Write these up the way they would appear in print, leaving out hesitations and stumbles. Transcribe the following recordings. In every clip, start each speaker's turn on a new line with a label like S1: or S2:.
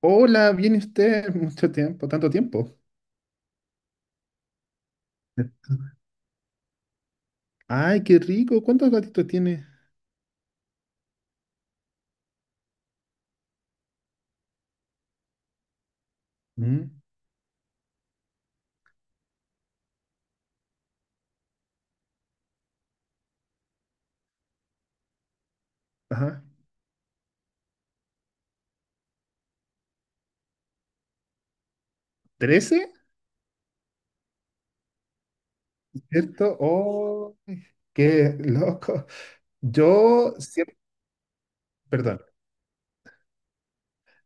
S1: Hola, ¿viene usted? Mucho tiempo, tanto tiempo. Ay, qué rico. ¿Cuántos gatitos tiene? Mm. Ajá. ¿13? ¿Cierto? Oh, qué loco. Yo siempre. Perdón.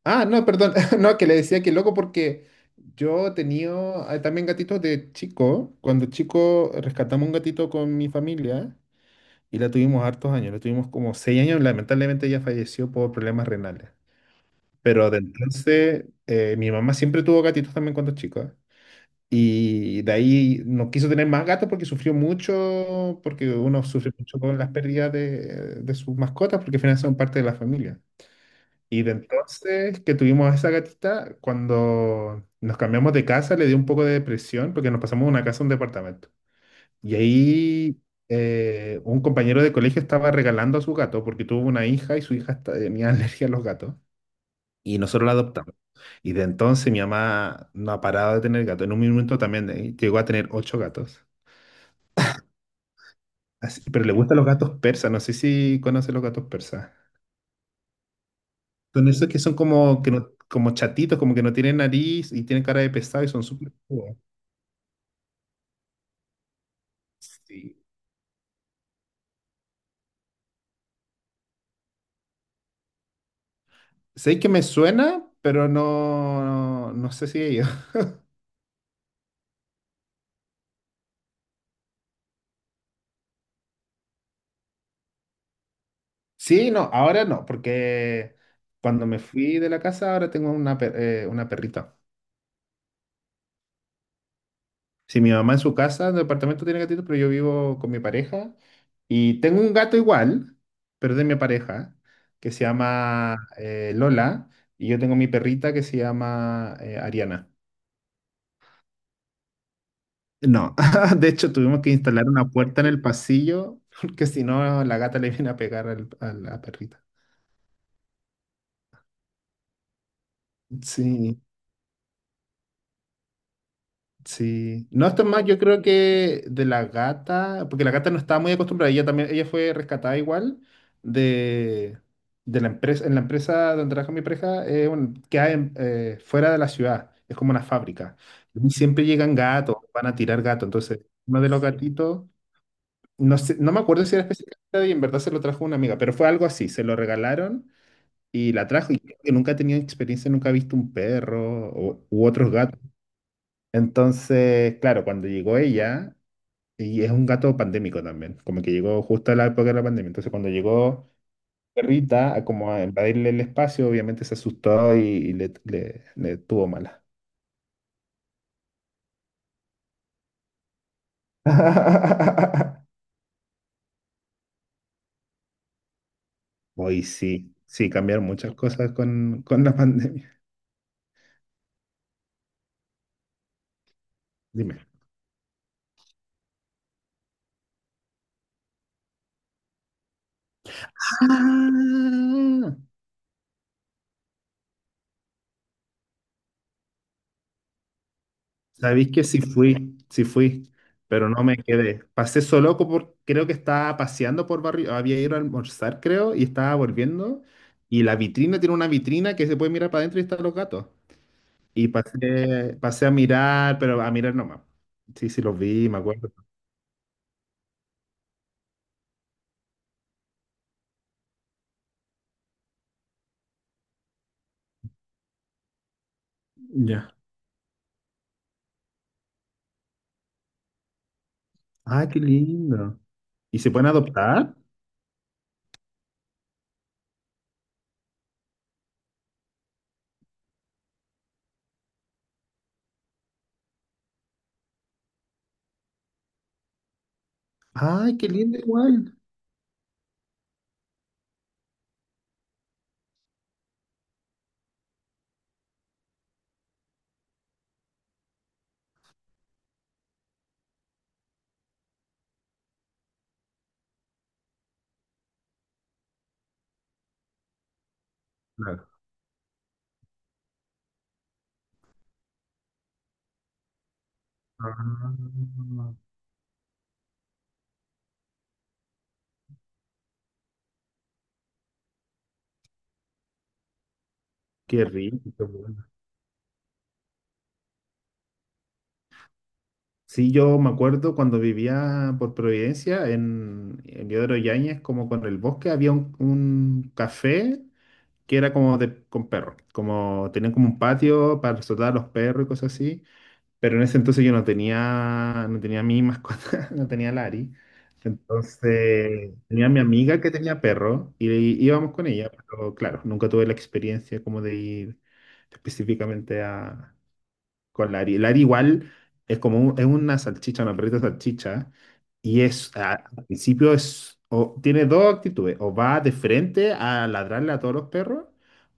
S1: Ah, no, perdón. No, que le decía que loco porque yo tenía también gatitos de chico. Cuando chico rescatamos un gatito con mi familia y la tuvimos hartos años. La tuvimos como 6 años. Lamentablemente ella falleció por problemas renales. Pero de entonces, mi mamá siempre tuvo gatitos también cuando chico. Y de ahí no quiso tener más gatos porque sufrió mucho, porque uno sufre mucho con las pérdidas de sus mascotas, porque al final son parte de la familia. Y de entonces que tuvimos a esa gatita, cuando nos cambiamos de casa, le dio un poco de depresión porque nos pasamos de una casa a un departamento. Y ahí un compañero de colegio estaba regalando a su gato porque tuvo una hija y su hija tenía alergia a los gatos y nosotros la adoptamos. Y de entonces mi mamá no ha parado de tener gatos. En un momento también llegó a tener ocho gatos. Pero le gustan los gatos persas. No sé si conoce los gatos persas. Son esos que son como, que no- como chatitos, como que no tienen nariz y tienen cara de pesado y son súper peludos. Sí. Sé que me suena, pero no, no sé si ellos. Sí, no, ahora no, porque cuando me fui de la casa ahora tengo una perrita. Si mi mamá en su casa, en el departamento tiene gatitos, pero yo vivo con mi pareja y tengo un gato igual, pero de mi pareja, que se llama Lola, y yo tengo mi perrita que se llama Ariana. No, de hecho tuvimos que instalar una puerta en el pasillo porque si no la gata le viene a pegar a la perrita. Sí. Sí. No, esto es más, yo creo que de la gata, porque la gata no estaba muy acostumbrada, ella también, ella fue rescatada igual de, de la empresa, en la empresa donde trabaja mi pareja, que hay fuera de la ciudad, es como una fábrica. Y siempre llegan gatos, van a tirar gatos, entonces uno de los , sí, gatitos, no sé, no me acuerdo si era específicamente y en verdad se lo trajo una amiga, pero fue algo así, se lo regalaron y la trajo y creo que nunca ha tenido experiencia, nunca ha visto un perro o, u otros gatos. Entonces, claro, cuando llegó ella, y es un gato pandémico también, como que llegó justo a la época de la pandemia, entonces cuando llegó perrita a como a invadirle el espacio, obviamente se asustó y le tuvo mala. Hoy sí, sí, cambiaron muchas cosas con la pandemia. Dime. Ah. Sabéis que sí fui, pero no me quedé. Pasé solo por, creo que estaba paseando por barrio, había ido a almorzar, creo, y estaba volviendo. Y la vitrina tiene una vitrina que se puede mirar para adentro y están los gatos. Y pasé a mirar, pero a mirar nomás. Sí, sí, los vi, me acuerdo. Ya. ¡Ah, qué lindo! ¿Y se pueden adoptar? ¡Ay, qué lindo igual! Claro. Ah, qué rico. Sí, yo me acuerdo cuando vivía por Providencia en Yodro Yáñez, como con el bosque, había un café que era como de, con perros, como tenían como un patio para soltar a los perros y cosas así, pero en ese entonces yo no tenía mi mascota, no tenía Lari, entonces tenía a mi amiga que tenía perro y íbamos con ella, pero claro, nunca tuve la experiencia como de ir específicamente a con la lari la igual es como es una salchicha, una perrita salchicha, y es, al principio es, o, tiene dos actitudes, o va de frente a ladrarle a todos los perros,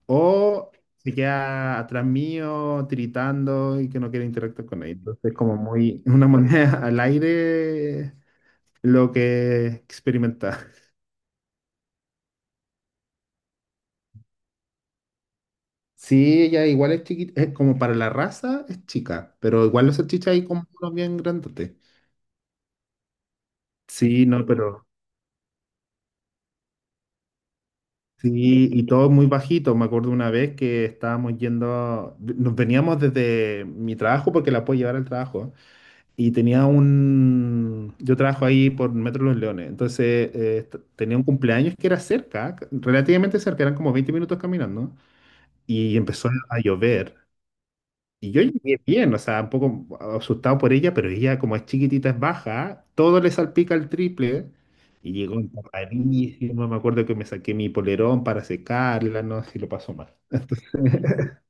S1: o se queda atrás mío, tiritando y que no quiere interactuar con nadie. Entonces es como muy, una moneda al aire lo que experimenta. Sí, ella igual es chiquita, es como para la raza es chica, pero igual los salchichas hay como unos bien grandotes. Sí, no, pero. Sí, y todo muy bajito. Me acuerdo una vez que estábamos yendo, nos veníamos desde mi trabajo porque la puedo llevar al trabajo. Y tenía yo trabajo ahí por Metro Los Leones, entonces tenía un cumpleaños que era cerca, relativamente cerca, eran como 20 minutos caminando. Y empezó a llover y yo llegué bien, o sea, un poco asustado por ella, pero ella como es chiquitita, es baja, todo le salpica el triple. Y llegó tapadísima, me acuerdo que me saqué mi polerón para secarla, no sé si lo pasó mal.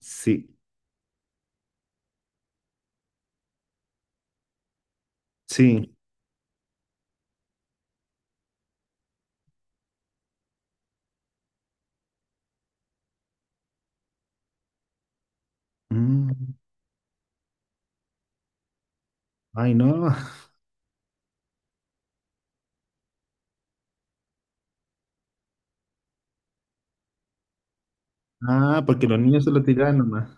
S1: Sí, sí. Mm. Ay, no. Ah, porque los niños se lo tiraban nomás.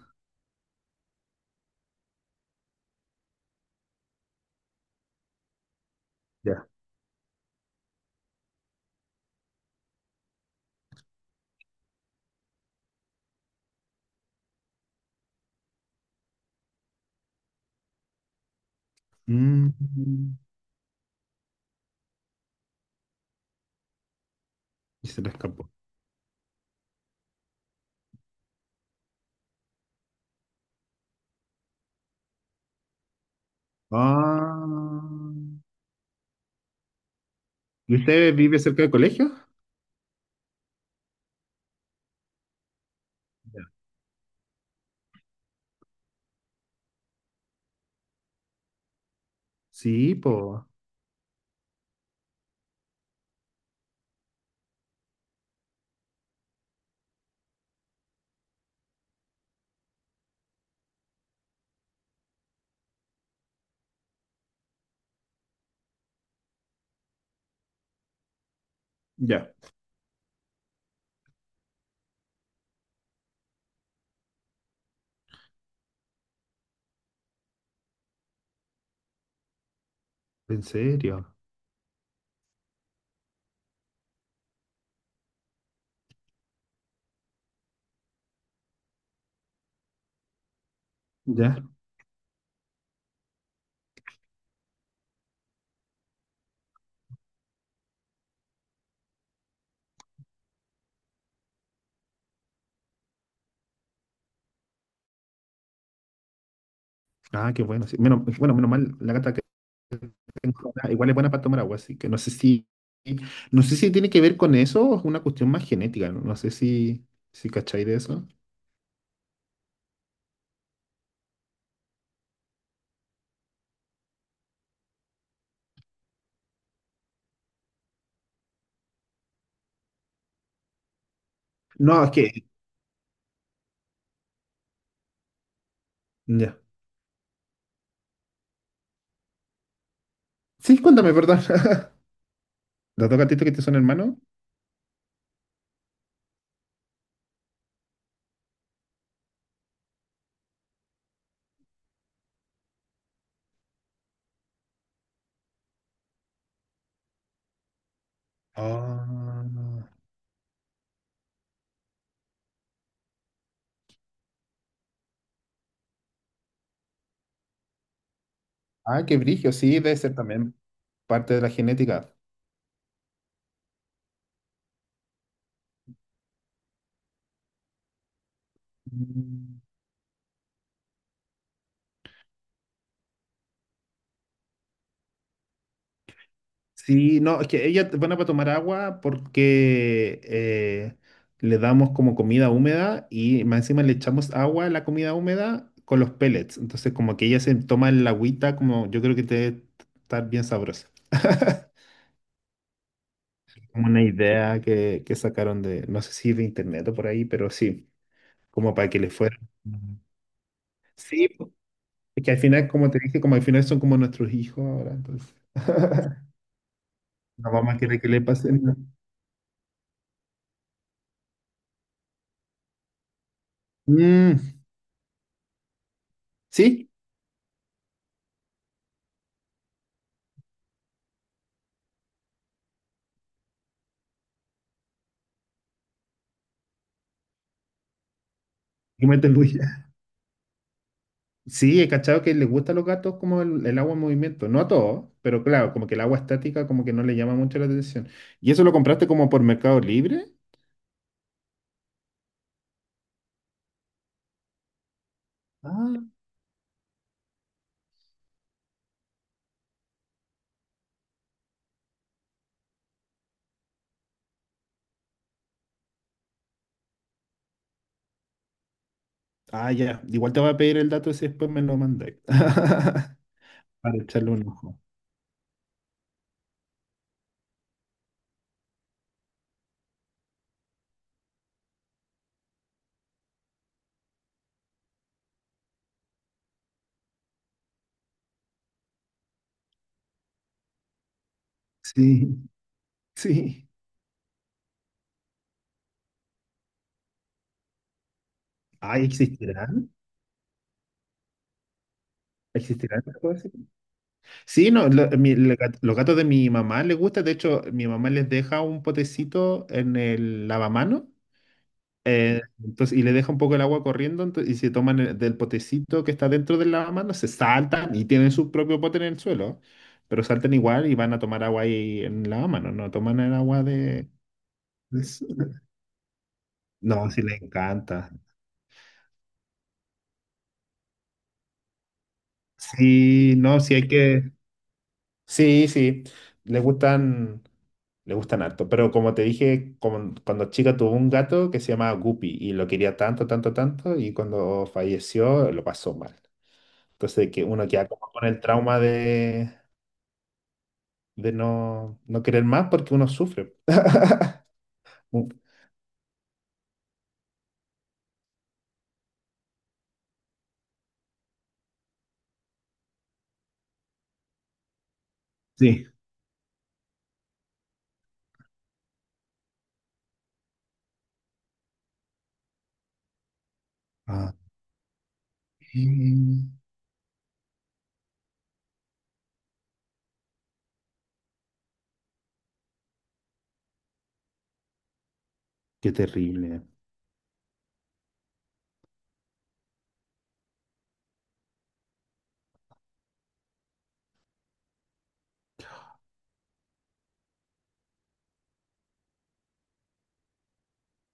S1: Ya. Mm, Y se le escapó. Ah. ¿Y usted vive cerca del colegio? Ya. Sí, po. Ya. ¿En serio? Ya. Ah, qué bueno. Sí. Menos, bueno, menos mal, la gata que tengo ahora igual es buena para tomar agua, así que no sé si tiene que ver con eso o es una cuestión más genética, no, No sé si, cachai de eso. No, es que, ya. Sí, cuéntame, perdón. ¿Los dos gatitos que te son hermanos? Ah, ah, qué brillo, sí, debe ser también parte de la genética. Mm. Sí, no, es que ellas van a para tomar agua porque le damos como comida húmeda y más encima le echamos agua a la comida húmeda con los pellets. Entonces, como que ella se toma el agüita, como yo creo que te debe estar bien sabrosa. Como una idea que sacaron de, no sé si de internet o por ahí, pero sí, como para que le fuera. Ujú. Sí, po, es que al final, como te dije, como al final son como nuestros hijos ahora, entonces no vamos a querer que le pasen nada. Mm, sí, que meten. Sí, he cachado que les gusta a los gatos como el agua en movimiento. No a todos, pero claro, como que el agua estática como que no le llama mucho la atención. ¿Y eso lo compraste como por Mercado Libre? Ah, ah, ya. Igual te voy a pedir el dato si después me lo mandáis. Para echarle un ojo. Sí, sí. Ay, ¿existirán? ¿Existirán esas cosas? Sí, no, los gatos de mi mamá les gusta. De hecho, mi mamá les deja un potecito en el lavamano. Entonces, y le deja un poco el agua corriendo y se toman del potecito que está dentro del lavamanos, se saltan y tienen su propio pote en el suelo, pero saltan igual y van a tomar agua ahí en el lavamanos, no toman el agua de No, sí le encanta. Sí, no, sí hay que. Sí, sí, le gustan, le gustan harto, pero como te dije, cuando chica tuvo un gato que se llamaba Guppy y lo quería tanto, tanto, tanto y cuando falleció lo pasó mal. Entonces, que uno queda como con el trauma de no querer más porque uno sufre. Uh, Sí. Ah, mm, qué terrible.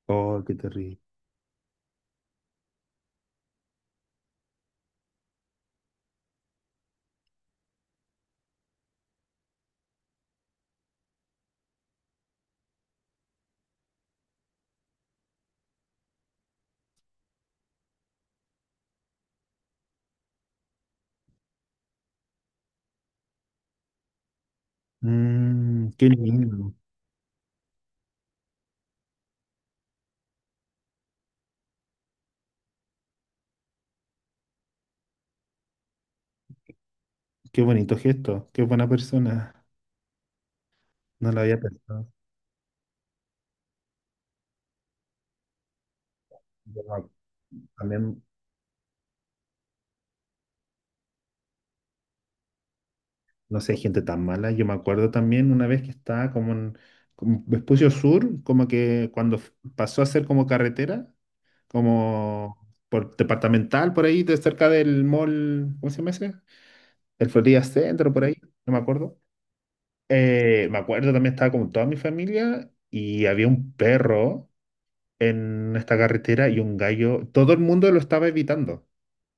S1: Oh, qué terrible. Qué lindo. Qué bonito gesto. Qué buena persona. No lo había pensado. Yo me ac- también, no sé, hay gente tan mala. Yo me acuerdo también una vez que estaba como en como Vespucio Sur, como que cuando pasó a ser como carretera, como por departamental, por ahí, de cerca del mall, ¿cómo se llama ese? El Florida Centro, por ahí, no me acuerdo. Me acuerdo también estaba con toda mi familia y había un perro en esta carretera y un gallo. Todo el mundo lo estaba evitando.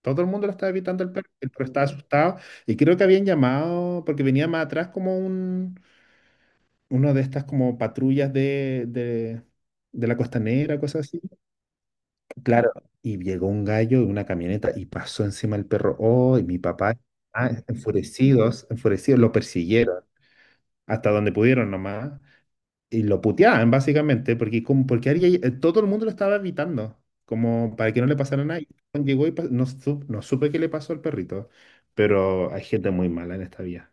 S1: Todo el mundo lo estaba evitando el perro. El perro estaba asustado y creo que habían llamado porque venía más atrás como un, uno de estas como patrullas de la costanera, cosas así. Claro, y llegó un gallo en una camioneta y pasó encima el perro. Oh, y mi papá, enfurecidos, enfurecidos, lo persiguieron, hasta donde pudieron nomás, y lo puteaban básicamente, porque, como, porque todo el mundo lo estaba evitando, como para que no le pasara nada. Y Juan llegó y no, no supe qué le pasó al perrito, pero hay gente muy mala en esta vía.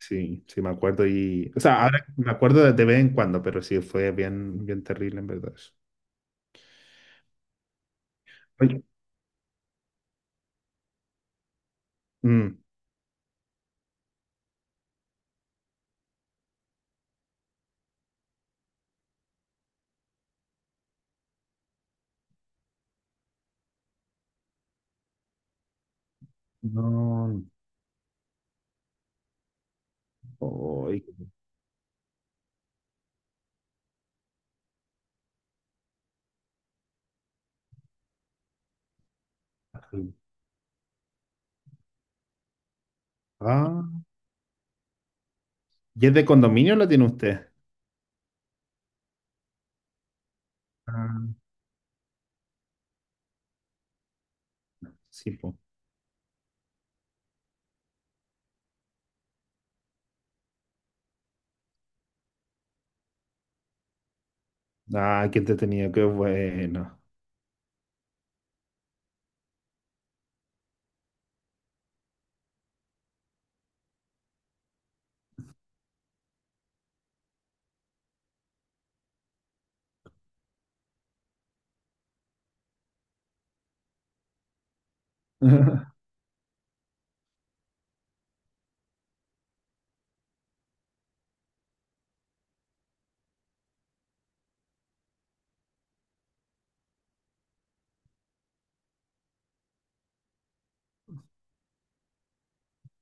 S1: Sí, sí, me acuerdo y. O sea, ahora me acuerdo de vez en cuando, pero sí, fue bien, bien terrible en verdad eso. Oye, mm, no, oy, ah, ¿y es de condominio lo tiene usted? Ah, sí, pues. Ah, qué entretenido, qué bueno.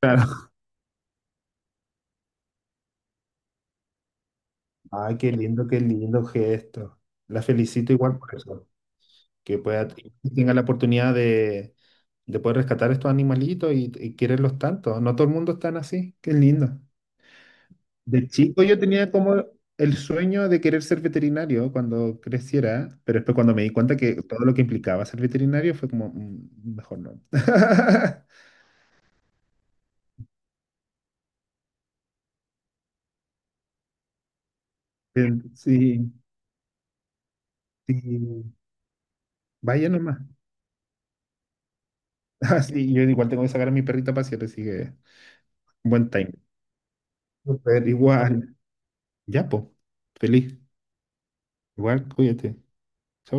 S1: Claro. Ay, qué lindo gesto. La felicito igual por eso, que pueda, que tenga la oportunidad de poder rescatar estos animalitos y quererlos tanto. No todo el mundo es tan así, qué lindo. De chico yo tenía como el sueño de querer ser veterinario cuando creciera, pero después cuando me di cuenta que todo lo que implicaba ser veterinario fue como, "Mm, mejor no. Bien, Sí, sí, vaya nomás. Ah, sí, yo igual tengo que sacar a mi perrita a pasear, así que buen time. Súper, igual. Ya, po. Feliz. Igual, cuídate. Chau, chau.